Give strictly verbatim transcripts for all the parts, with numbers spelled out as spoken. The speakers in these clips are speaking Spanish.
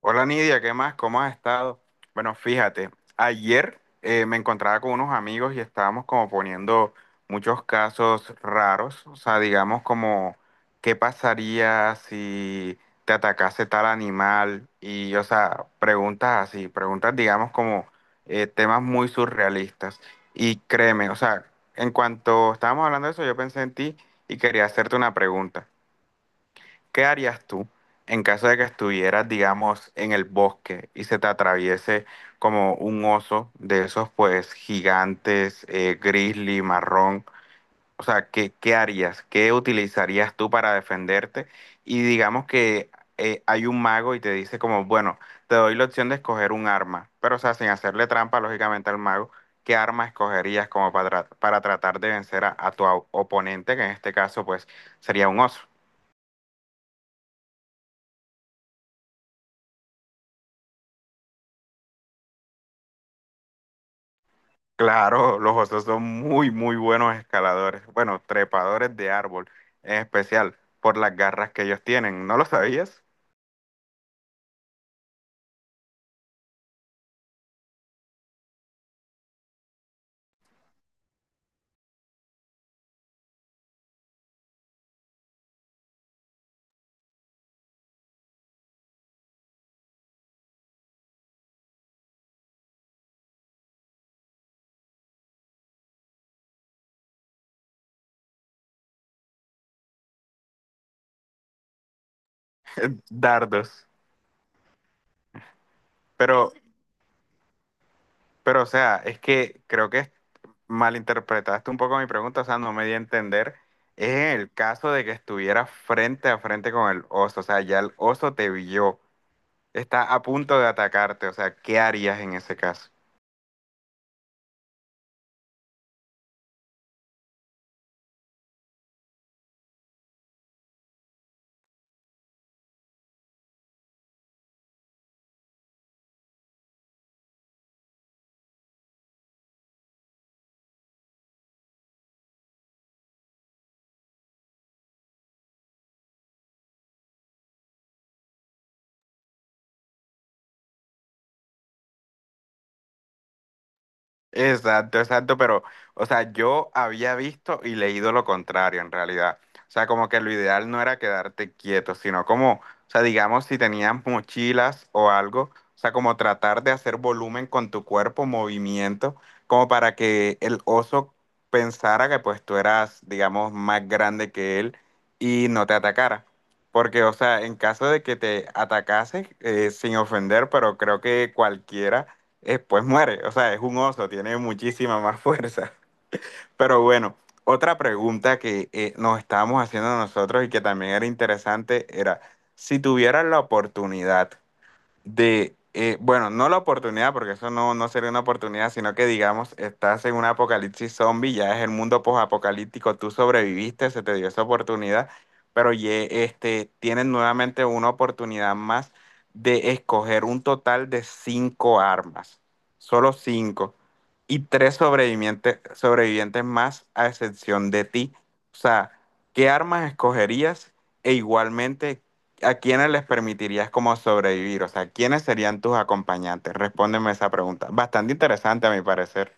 Hola Nidia, ¿qué más? ¿Cómo has estado? Bueno, fíjate, ayer eh, me encontraba con unos amigos y estábamos como poniendo muchos casos raros, o sea, digamos como qué pasaría si te atacase tal animal y, o sea, preguntas así, preguntas digamos como eh, temas muy surrealistas. Y créeme, o sea, en cuanto estábamos hablando de eso, yo pensé en ti y quería hacerte una pregunta. ¿Qué harías tú en caso de que estuvieras, digamos, en el bosque y se te atraviese como un oso de esos, pues, gigantes, eh, grizzly, marrón? O sea, ¿qué, qué harías? ¿Qué utilizarías tú para defenderte? Y digamos que eh, hay un mago y te dice como, bueno, te doy la opción de escoger un arma, pero, o sea, sin hacerle trampa, lógicamente, al mago. ¿Qué arma escogerías como para, tra- para tratar de vencer a, a tu au- oponente, que en este caso, pues, sería un oso? Claro, los osos son muy, muy buenos escaladores, bueno, trepadores de árbol, en especial por las garras que ellos tienen. ¿No lo sabías? Dardos. Pero, pero, o sea, es que creo que malinterpretaste un poco mi pregunta, o sea, no me di a entender. Es en el caso de que estuviera frente a frente con el oso, o sea, ya el oso te vio, está a punto de atacarte, o sea, ¿qué harías en ese caso? Exacto, exacto, pero, o sea, yo había visto y leído lo contrario en realidad. O sea, como que lo ideal no era quedarte quieto, sino como, o sea, digamos, si tenías mochilas o algo, o sea, como tratar de hacer volumen con tu cuerpo, movimiento, como para que el oso pensara que pues tú eras, digamos, más grande que él y no te atacara. Porque, o sea, en caso de que te atacase, eh, sin ofender, pero creo que cualquiera eh, pues muere. O sea, es un oso, tiene muchísima más fuerza. Pero bueno, otra pregunta que eh, nos estábamos haciendo nosotros y que también era interesante era, si tuvieras la oportunidad de, eh, bueno, no la oportunidad, porque eso no, no sería una oportunidad, sino que digamos, estás en un apocalipsis zombie, ya es el mundo posapocalíptico, tú sobreviviste, se te dio esa oportunidad, pero ye- este, tienes nuevamente una oportunidad más de escoger un total de cinco armas, solo cinco, y tres sobrevivientes, sobrevivientes más a excepción de ti. O sea, ¿qué armas escogerías? E igualmente, ¿a quiénes les permitirías como sobrevivir? O sea, ¿quiénes serían tus acompañantes? Respóndeme esa pregunta. Bastante interesante a mi parecer.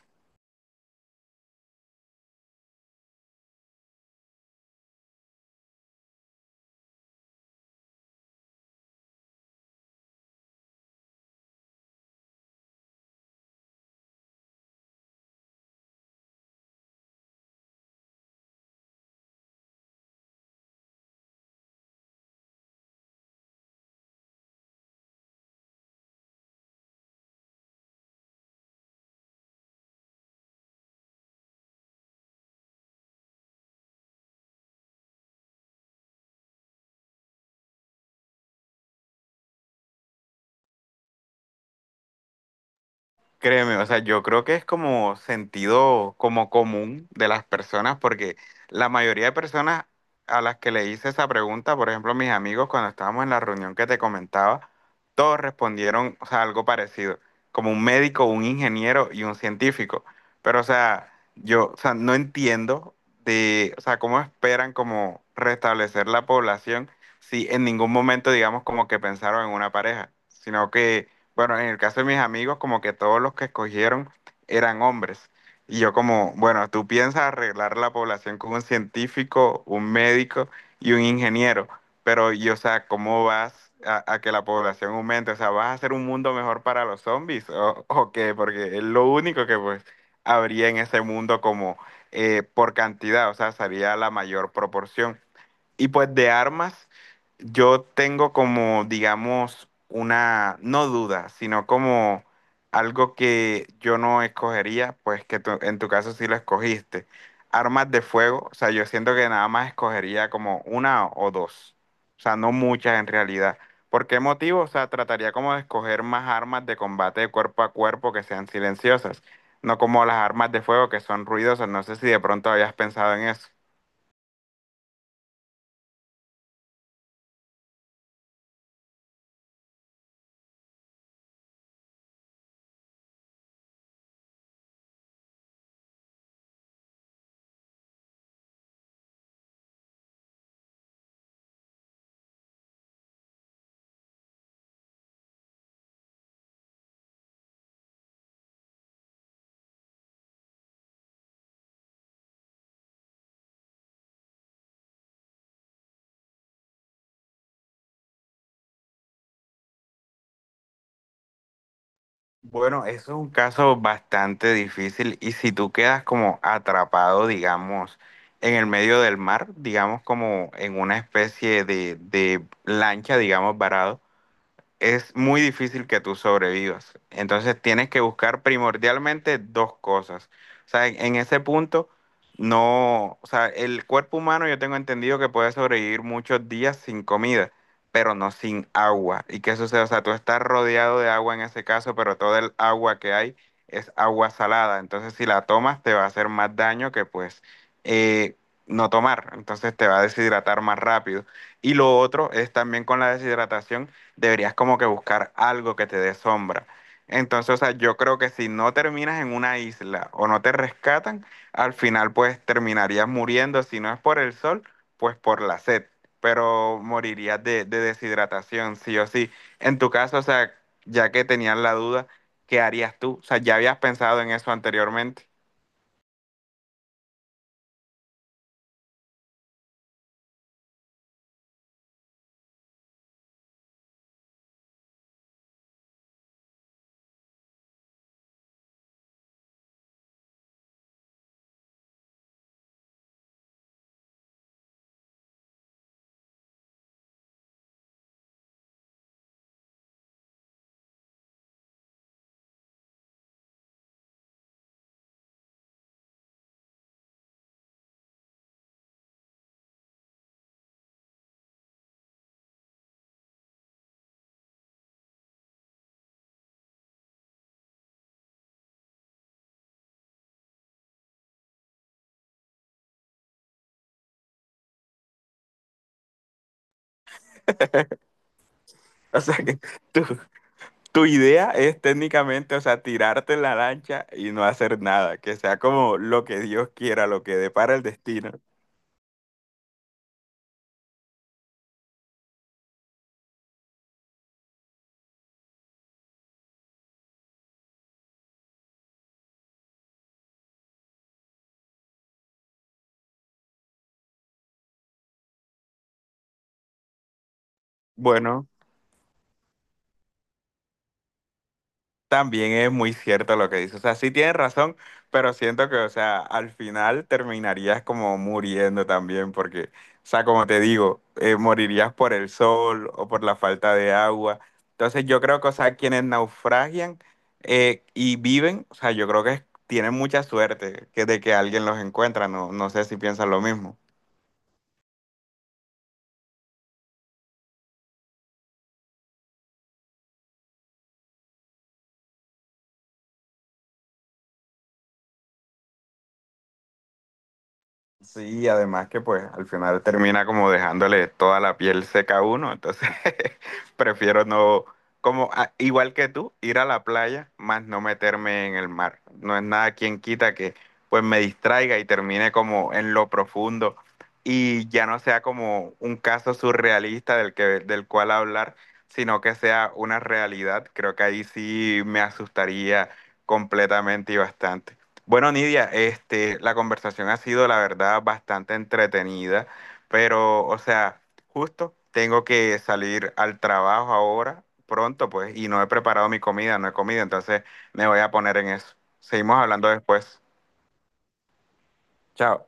Créeme, o sea, yo creo que es como sentido como común de las personas, porque la mayoría de personas a las que le hice esa pregunta, por ejemplo, mis amigos cuando estábamos en la reunión que te comentaba, todos respondieron, o sea, algo parecido, como un médico, un ingeniero y un científico. Pero, o sea, yo, o sea, no entiendo de, o sea, cómo esperan como restablecer la población si en ningún momento, digamos, como que pensaron en una pareja, sino que bueno, en el caso de mis amigos, como que todos los que escogieron eran hombres. Y yo como, bueno, tú piensas arreglar la población con un científico, un médico y un ingeniero, pero yo, o sea, ¿cómo vas a, a que la población aumente? O sea, ¿vas a hacer un mundo mejor para los zombies o, o qué? Porque es lo único que pues habría en ese mundo como eh, por cantidad, o sea, sería la mayor proporción. Y pues de armas, yo tengo como, digamos, una, no duda, sino como algo que yo no escogería, pues que tú- en tu caso sí lo escogiste. Armas de fuego, o sea, yo siento que nada más escogería como una o dos, o sea, no muchas en realidad. ¿Por qué motivo? O sea, trataría como de escoger más armas de combate de cuerpo a cuerpo que sean silenciosas, no como las armas de fuego que son ruidosas. No sé si de pronto habías pensado en eso. Bueno, eso es un caso bastante difícil y si tú quedas como atrapado, digamos, en el medio del mar, digamos como en una especie de, de lancha, digamos, varado es muy difícil que tú sobrevivas. Entonces tienes que buscar primordialmente dos cosas. O sea, en, en ese punto, no, o sea, el cuerpo humano yo tengo entendido que puede sobrevivir muchos días sin comida, pero no sin agua. ¿Y qué sucede? O sea, tú estás rodeado de agua en ese caso, pero toda el agua que hay es agua salada. Entonces, si la tomas, te va a hacer más daño que pues eh, no tomar. Entonces, te va a deshidratar más rápido. Y lo otro es también con la deshidratación deberías como que buscar algo que te dé sombra. Entonces, o sea, yo creo que si no terminas en una isla o no te rescatan, al final pues terminarías muriendo, si no es por el sol, pues por la sed, pero morirías de, de deshidratación, sí o sí. En tu caso, o sea, ya que tenías la duda, ¿qué harías tú? O sea, ya habías pensado en eso anteriormente. O sea, que tú, tu idea es técnicamente, o sea, tirarte en la lancha y no hacer nada, que sea como lo que Dios quiera, lo que depara el destino. Bueno. También es muy cierto lo que dices. O sea, sí tienes razón, pero siento que, o sea, al final terminarías como muriendo también, porque, o sea, como te digo, eh, morirías por el sol o por la falta de agua. Entonces, yo creo que, o sea, quienes naufragian eh, y viven, o sea, yo creo que tienen mucha suerte que de que alguien los encuentra. No, no sé si piensan lo mismo. Sí, además que pues al final termina como dejándole toda la piel seca a uno, entonces prefiero no, como a- igual que tú, ir a la playa, más no meterme en el mar. No es nada quien quita que pues me distraiga y termine como en lo profundo y ya no sea como un caso surrealista del que, del cual hablar, sino que sea una realidad. Creo que ahí sí me asustaría completamente y bastante. Bueno, Nidia, este, la conversación ha sido, la verdad, bastante entretenida, pero, o sea, justo tengo que salir al trabajo ahora, pronto, pues, y no he preparado mi comida, no he comido, entonces me voy a poner en eso. Seguimos hablando después. Chao.